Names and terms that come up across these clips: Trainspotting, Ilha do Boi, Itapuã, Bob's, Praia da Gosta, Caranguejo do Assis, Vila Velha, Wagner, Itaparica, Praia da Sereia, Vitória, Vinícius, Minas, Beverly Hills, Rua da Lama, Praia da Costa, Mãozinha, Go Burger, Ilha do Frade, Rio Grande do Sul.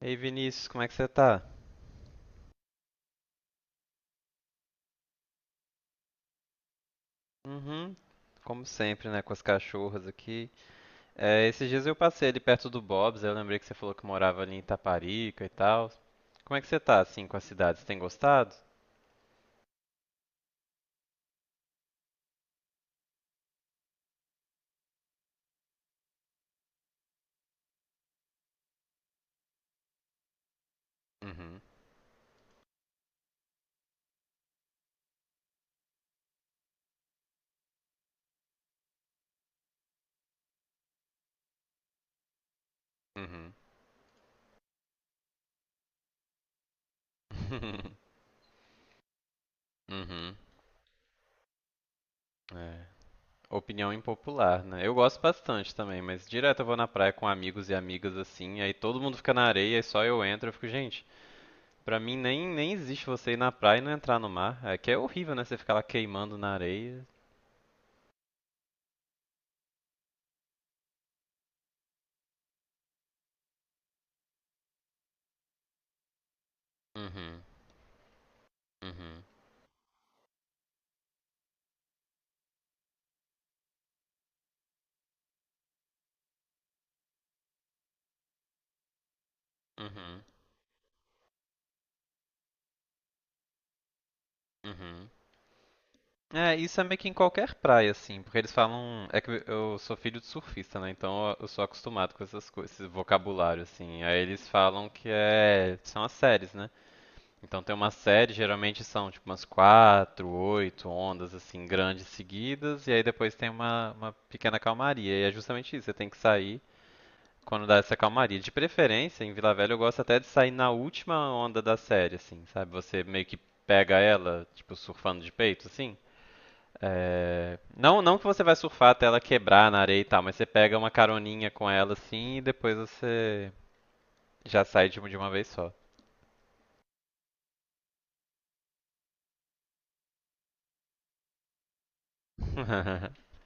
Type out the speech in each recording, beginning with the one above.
Ei Vinícius, como é que você tá? Uhum. Como sempre, né, com as cachorras aqui. É, esses dias eu passei ali perto do Bob's, aí eu lembrei que você falou que morava ali em Itaparica e tal. Como é que você tá, assim, com a cidade? Você tem gostado? Uhum, uhum. Uhum. É. Opinião impopular, né? Eu gosto bastante também, mas direto eu vou na praia com amigos e amigas assim, aí todo mundo fica na areia e só eu entro, eu fico, gente, pra mim nem existe você ir na praia e não entrar no mar. É que é horrível, né? Você ficar lá queimando na areia. Uhum, uhum, uhum, uhum. É, isso é meio que em qualquer praia, assim, porque eles falam. É que eu sou filho de surfista, né? Então eu sou acostumado com essas coisas, esse vocabulário, assim. Aí eles falam que é. São as séries, né? Então tem uma série, geralmente são tipo umas quatro, oito ondas, assim, grandes seguidas, e aí depois tem uma pequena calmaria. E é justamente isso, você tem que sair. Quando dá essa calmaria. De preferência, em Vila Velha eu gosto até de sair na última onda da série, assim, sabe? Você meio que pega ela, tipo, surfando de peito, assim. É, não, não que você vai surfar até ela quebrar na areia e tal, mas você pega uma caroninha com ela, assim, e depois você já sai de uma vez só.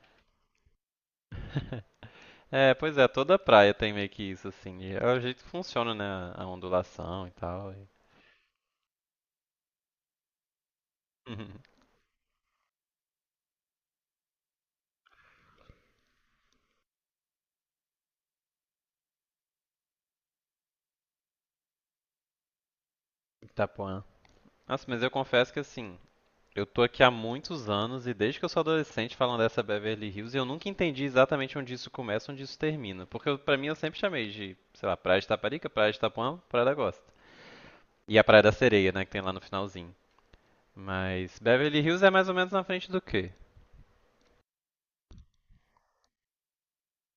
É, pois é, toda praia tem meio que isso, assim. E é o jeito que funciona, né? A ondulação e tal. E... Itapuã. Nossa, mas eu confesso que, assim, eu tô aqui há muitos anos e desde que eu sou adolescente falando dessa Beverly Hills e eu nunca entendi exatamente onde isso começa, e onde isso termina. Pra mim eu sempre chamei de, sei lá, Praia de Taparica, Praia de Itapuã, Praia da Gosta. E a Praia da Sereia, né, que tem lá no finalzinho. Mas Beverly Hills é mais ou menos na frente do quê?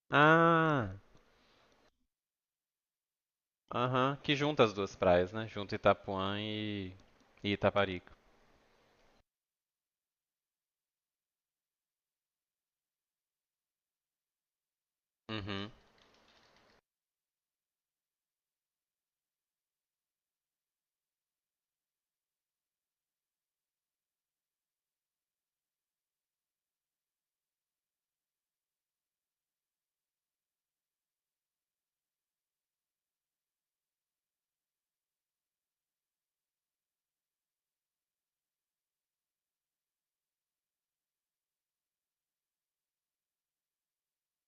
Ah, aham, que junta as duas praias, né? Junta Itapuã e Itaparica. Uhum,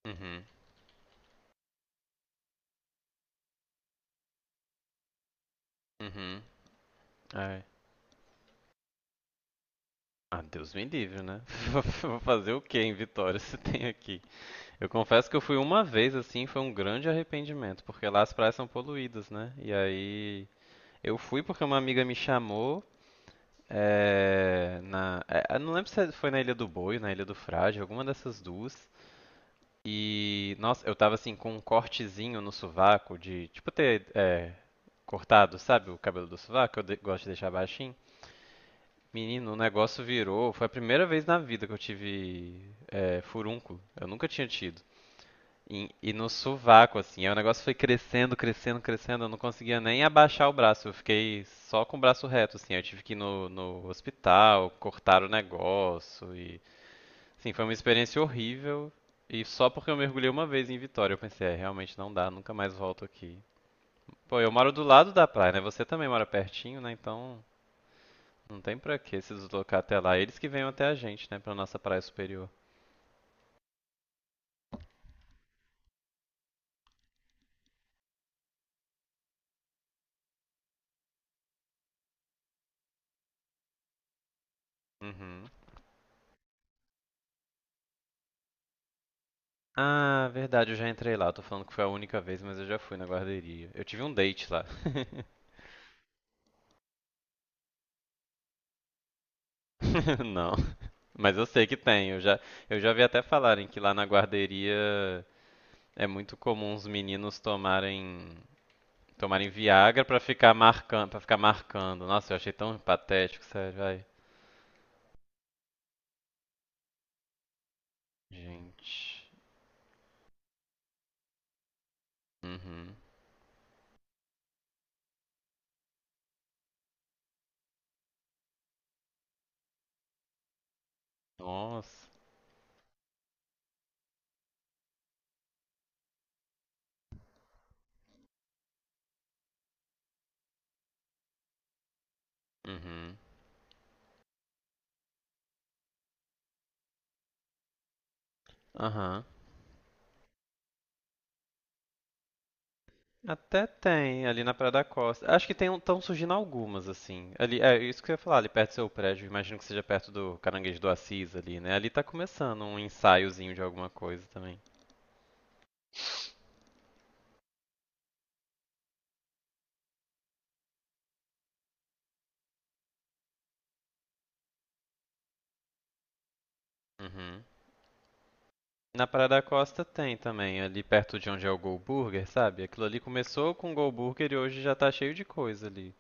uhum, uhum. É. Ah, Deus me livre, né? Vou fazer o quê em Vitória se tem aqui? Eu confesso que eu fui uma vez assim, foi um grande arrependimento, porque lá as praias são poluídas, né? E aí eu fui porque uma amiga me chamou, eu não lembro se foi na Ilha do Boi, na Ilha do Frade, alguma dessas duas. E nossa, eu tava assim com um cortezinho no sovaco de, tipo ter cortado, sabe, o cabelo do sovaco, gosto de deixar baixinho. Menino, o negócio virou, foi a primeira vez na vida que eu tive, furúnculo. Eu nunca tinha tido. E no sovaco, assim. Aí o negócio foi crescendo, crescendo, crescendo. Eu não conseguia nem abaixar o braço. Eu fiquei só com o braço reto, assim. Eu tive que ir no hospital, cortar o negócio. E, assim, foi uma experiência horrível. E só porque eu mergulhei uma vez em Vitória, eu pensei, é, realmente não dá, nunca mais volto aqui. Pô, eu moro do lado da praia, né? Você também mora pertinho, né? Então não tem pra que se deslocar até lá. Eles que venham até a gente, né? Pra nossa praia superior. Uhum. Ah, verdade, eu já entrei lá. Tô falando que foi a única vez, mas eu já fui na guarderia. Eu tive um date lá. Não, mas eu sei que tem. Eu já vi até falarem que lá na guarderia é muito comum os meninos tomarem, tomarem Viagra pra ficar marcando, para ficar marcando. Nossa, eu achei tão patético, sério, vai. Gente. Uhum. Nossa. Uhum. Aham. Até tem ali na Praia da Costa. Acho que tem estão surgindo algumas assim. Ali é isso que eu ia falar, ali perto do seu prédio, imagino que seja perto do Caranguejo do Assis ali, né? Ali tá começando um ensaiozinho de alguma coisa também. Uhum. Na Praia da Costa tem também, ali perto de onde é o Go Burger, sabe? Aquilo ali começou com o Go Burger e hoje já tá cheio de coisa ali.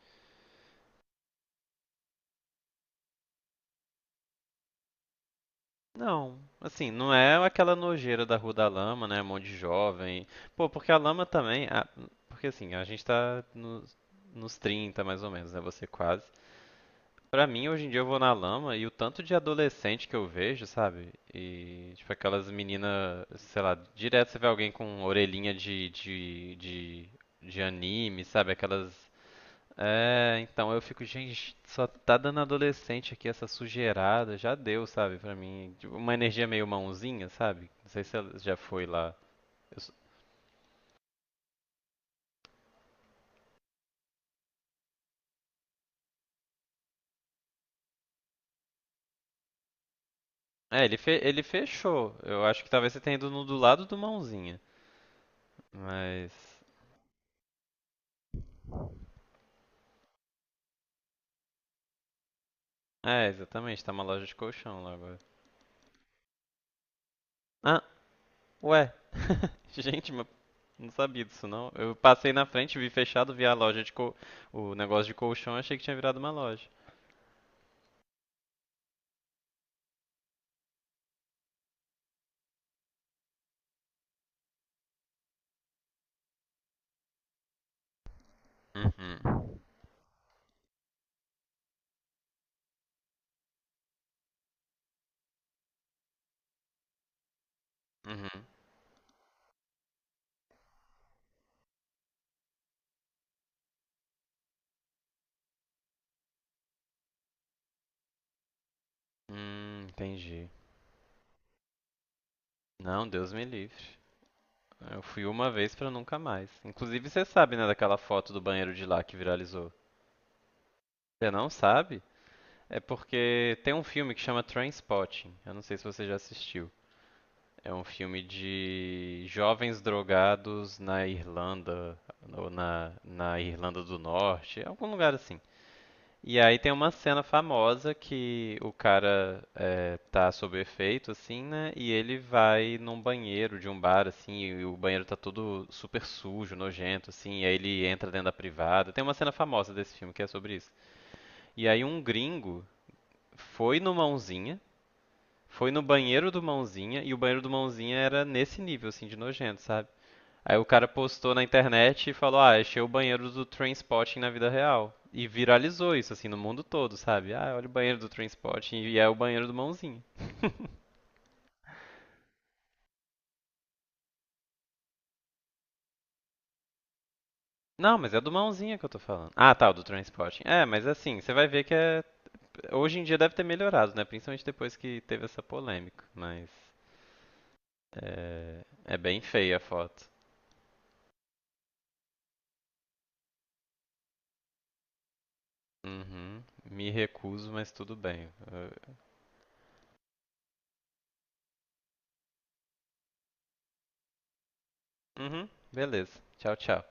Não, assim, não é aquela nojeira da Rua da Lama, né? Um monte de jovem. Pô, porque a lama também. Porque assim, a gente tá nos 30 mais ou menos, né? Você quase. Pra mim, hoje em dia eu vou na lama e o tanto de adolescente que eu vejo, sabe? E, tipo, aquelas meninas, sei lá, direto você vê alguém com orelhinha de anime, sabe? Aquelas é, então eu fico, gente, só tá dando adolescente aqui essa sujeirada, já deu, sabe, pra mim. Tipo, uma energia meio mãozinha, sabe? Não sei se ela já foi lá. Eu s- É, ele fechou. Eu acho que talvez você tenha ido no do lado do mãozinha. Mas. É, exatamente, tá uma loja de colchão lá agora. Ah, ué, gente, mas não sabia disso não. Eu passei na frente, vi fechado, vi a o negócio de colchão, achei que tinha virado uma loja. Uhum. Uhum. Entendi. Não, Deus me livre. Eu fui uma vez pra nunca mais. Inclusive, você sabe, né, daquela foto do banheiro de lá que viralizou? Você não sabe? É porque tem um filme que chama Trainspotting. Eu não sei se você já assistiu. É um filme de jovens drogados na Irlanda, ou na Irlanda do Norte, algum lugar assim. E aí tem uma cena famosa que o cara é, tá sob efeito, assim, né? E ele vai num banheiro de um bar, assim, e o banheiro tá todo super sujo, nojento, assim, e aí ele entra dentro da privada. Tem uma cena famosa desse filme que é sobre isso. E aí um gringo foi no Mãozinha, foi no banheiro do Mãozinha, e o banheiro do Mãozinha era nesse nível, assim, de nojento, sabe? Aí o cara postou na internet e falou: "Ah, achei o banheiro do Trainspotting na vida real". E viralizou isso assim no mundo todo, sabe? Ah, olha o banheiro do Trainspotting e é o banheiro do Mãozinha. Não, mas é do Mãozinha que eu tô falando. Ah, tá, o do Trainspotting. É, mas assim, você vai ver que é hoje em dia deve ter melhorado, né? Principalmente depois que teve essa polêmica, mas é, é bem feia a foto. Uhum. Me recuso, mas tudo bem. Eu- Uhum. Beleza. Tchau, tchau.